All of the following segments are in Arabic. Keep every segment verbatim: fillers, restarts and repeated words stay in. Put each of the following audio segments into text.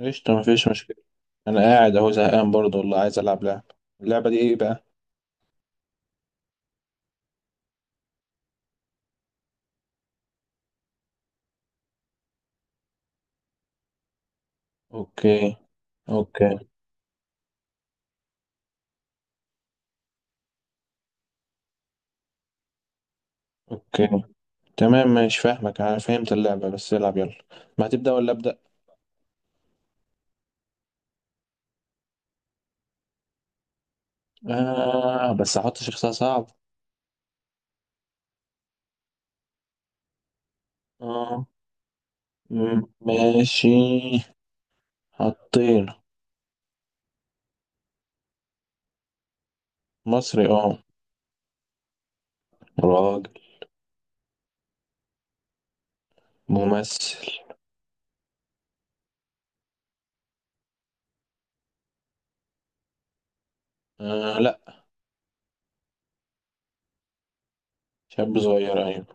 قشطة، مفيش مشكلة. أنا قاعد أهو زهقان برضه والله، عايز ألعب لعبة. اللعبة دي إيه بقى؟ أوكي. أوكي. أوكي. تمام، مش فاهمك أنا فهمت اللعبة بس العب يلا. ما هتبدأ ولا أبدأ؟ آه بس هحط شخصية صعب. آه. م- ماشي. حطينا. مصري آه. راجل. ممثل. آه لأ. شاب صغير أيوة.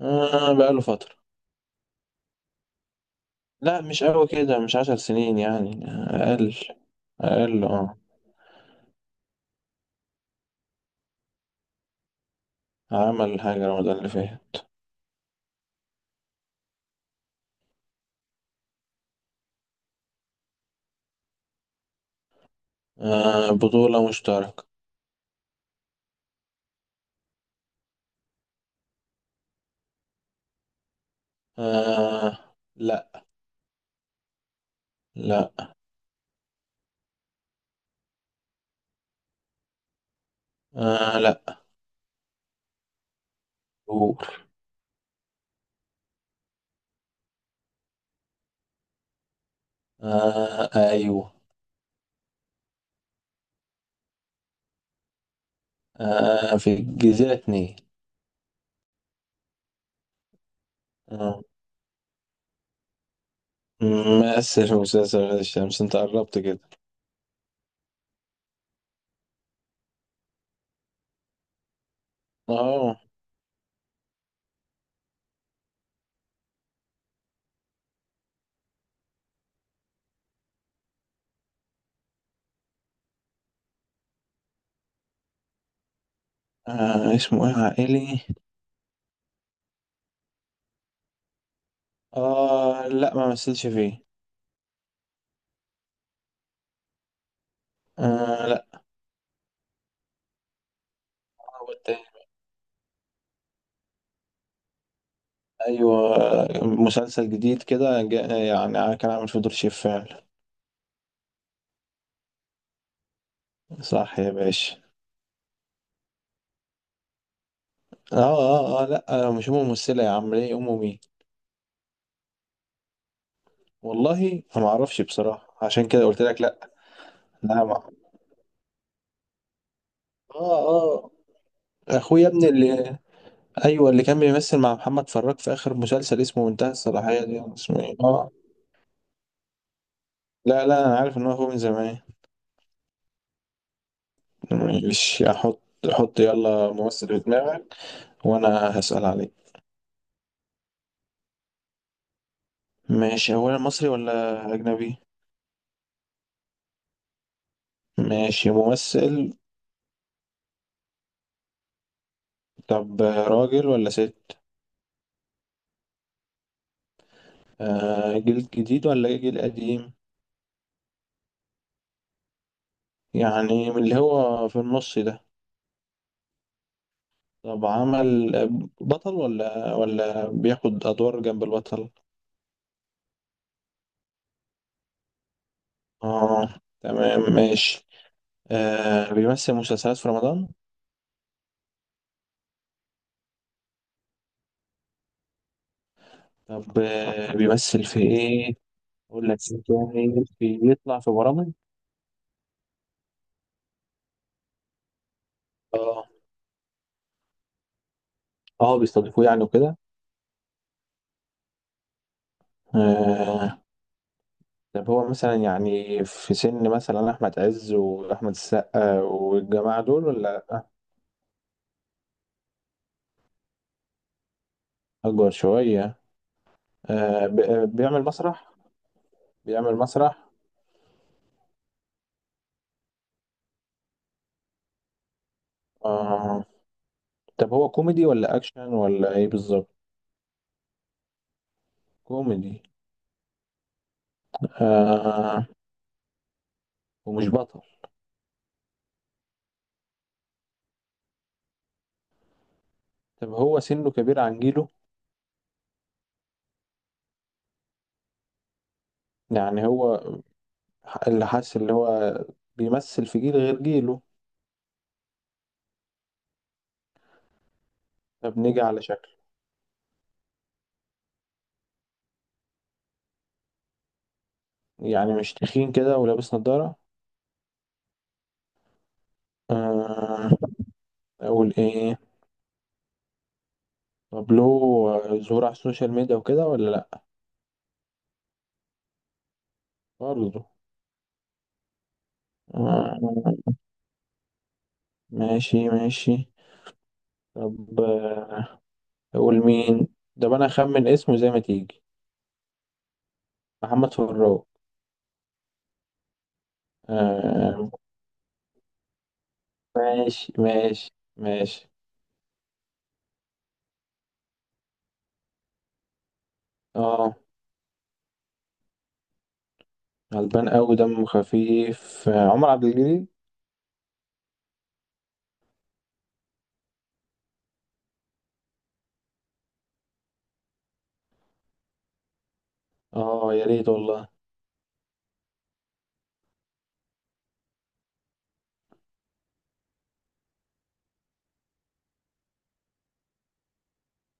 آه بقاله فترة. لأ مش أوي كده، مش عشر سنين يعني، أقل. أقل. آه. عمل حاجة رمضان اللي فات. آه بطولة مشتركة. آه. لا. لا. آه لا. دور. آه أيوه. آه في الجزيرة اتنين. آه ممثل في مسلسل غير الشمس، انت قربت كده. اه. آه، اسمه ايه عائلي. اه لا ما مثلش فيه. آه لا. هو التاني. ايوه مسلسل جديد كده جا- يعني كان عامل فيه دور شيف فعلا. صح يا باشا. اه اه اه لا آه، مش امه ممثله يا عم، ليه؟ امه مين؟ والله انا ما اعرفش بصراحه، عشان كده قلت لك لا. لا ما اه اه. اخويا ابن اللي، ايوه اللي كان بيمثل مع محمد فراج في اخر مسلسل اسمه منتهى الصلاحيه دي، ولا اسمه ايه؟ اه. لا لا انا عارف ان هو اخوه من زمان. مش احط؟ حط يلا ممثل في دماغك، وانا هسأل عليك. ماشي. اولا مصري ولا اجنبي؟ ماشي. ممثل. طب راجل ولا ست؟ آه جيل جديد ولا جيل قديم؟ يعني من اللي هو في النص ده؟ طب عمل بطل ولا ولا بياخد أدوار جنب البطل؟ اه تمام ماشي. آه بيمثل مسلسلات في رمضان؟ طب آه بيمثل في ايه؟ أقول لك إيه تاني، بيطلع في برامج؟ اه. اه بيستضيفوه يعني وكده. آه طب هو مثلا يعني في سن مثلا أحمد عز وأحمد السقا والجماعة دول ولا أكبر شوية؟ آه بي- بيعمل مسرح؟ بيعمل مسرح. اه طب هو كوميدي ولا اكشن ولا ايه بالظبط؟ كوميدي. آه ومش بطل. طب هو سنه كبير عن جيله؟ يعني هو اللي حاسس اللي هو بيمثل في جيل غير جيله. طب نيجي على شكله. يعني مش تخين كده ولابس نضارة؟ آه. اقول ايه؟ طب له ظهور على السوشيال ميديا وكده ولا لا؟ برضه. آه ماشي ماشي. طب آه، اقول مين؟ ده انا اخمن اسمه زي ما تيجي. محمد فراج. آه ماشي ماشي ماشي. اه. غلبان قوي دمه خفيف آه، عمر عبد الجليل. اه يا ريت والله.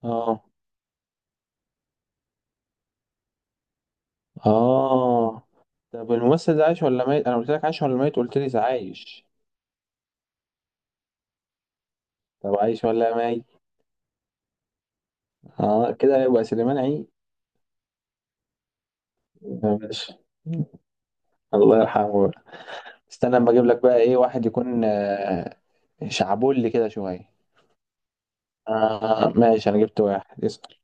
اه اه. طب الممثل ده عايش ولا ميت؟ انا قلت لك عايش ولا ميت؟ قلت لي ده عايش. طب عايش ولا ميت؟ اه كده يبقى سليمان عيد. آه، ماشي. الله يرحمه بقى. استنى اما اجيب لك بقى ايه، واحد يكون آه، شعبولي كده شويه. آه ماشي. انا جبت واحد، اسأل.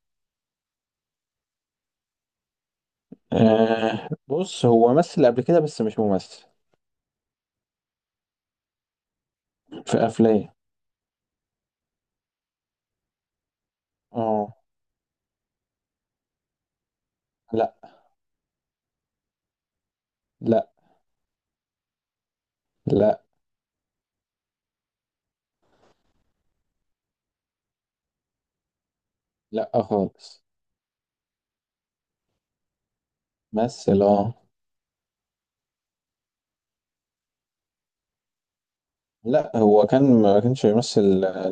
آه بص هو مثل قبل كده بس مش ممثل. في افلام. اه. لا. لا. لا. لا خالص. مثل اه. لا هو كان ما كانش بيمثل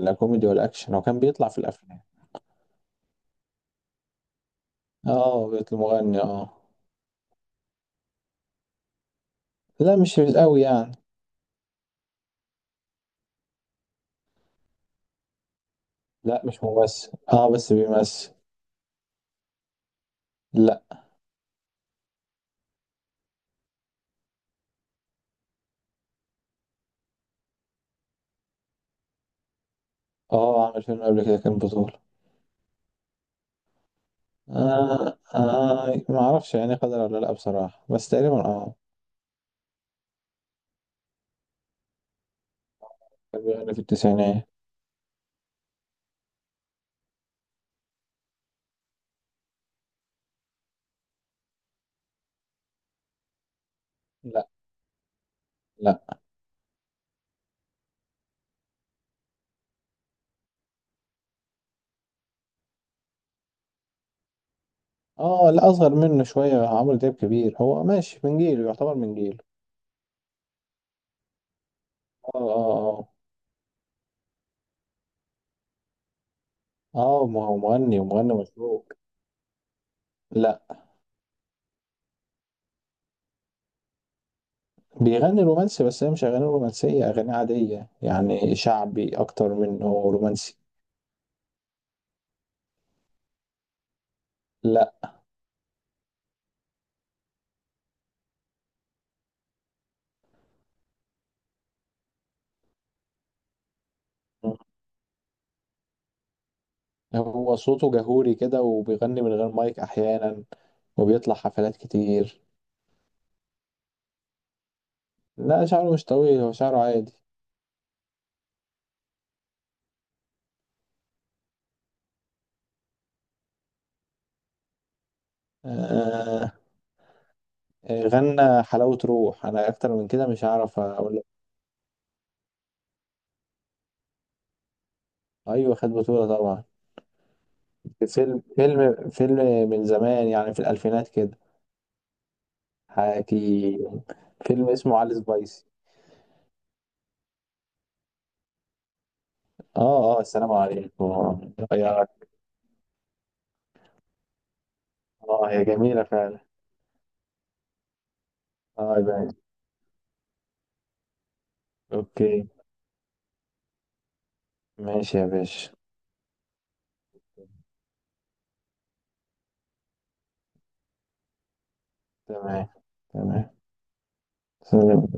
لا كوميدي ولا اكشن، هو كان بيطلع في الافلام. اه بيت المغني اه. لا مش قوي يعني. لا مش ممثل اه بس بيمثل. لا. اه عمل فيلم قبل كده كان بطولة. آه آه ما اعرفش يعني قدر ولا لا بصراحة، بس تقريبا اه. كان بيغني في التسعينات. لا. لا. اه لا اصغر منه شوية، عمرو دياب كبير، هو ماشي من جيله، يعتبر من جيله. اه اه اه. اه ما هو مغني ومغني مشهور. لا. بيغني رومانسي بس هي مش اغاني رومانسيه، اغاني عاديه يعني، شعبي اكتر منه رومانسي. لا. هو صوته جهوري كده وبيغني من غير مايك احيانا، وبيطلع حفلات كتير. لا شعره مش طويل، هو شعره عادي. آه. آه، غنى حلاوة روح، انا اكتر من كده مش هعرف اقول لك. ايوه خد بطولة طبعا. في فيلم فيلم فيلم من زمان يعني، في الالفينات كده. حكي. فيلم اسمه علي سبايسي. اه اه السلام عليكم. يا. اه هي جميلة فعلا. اه يا باشا. اوكي. ماشي يا باشا. تمام. تمام. سلام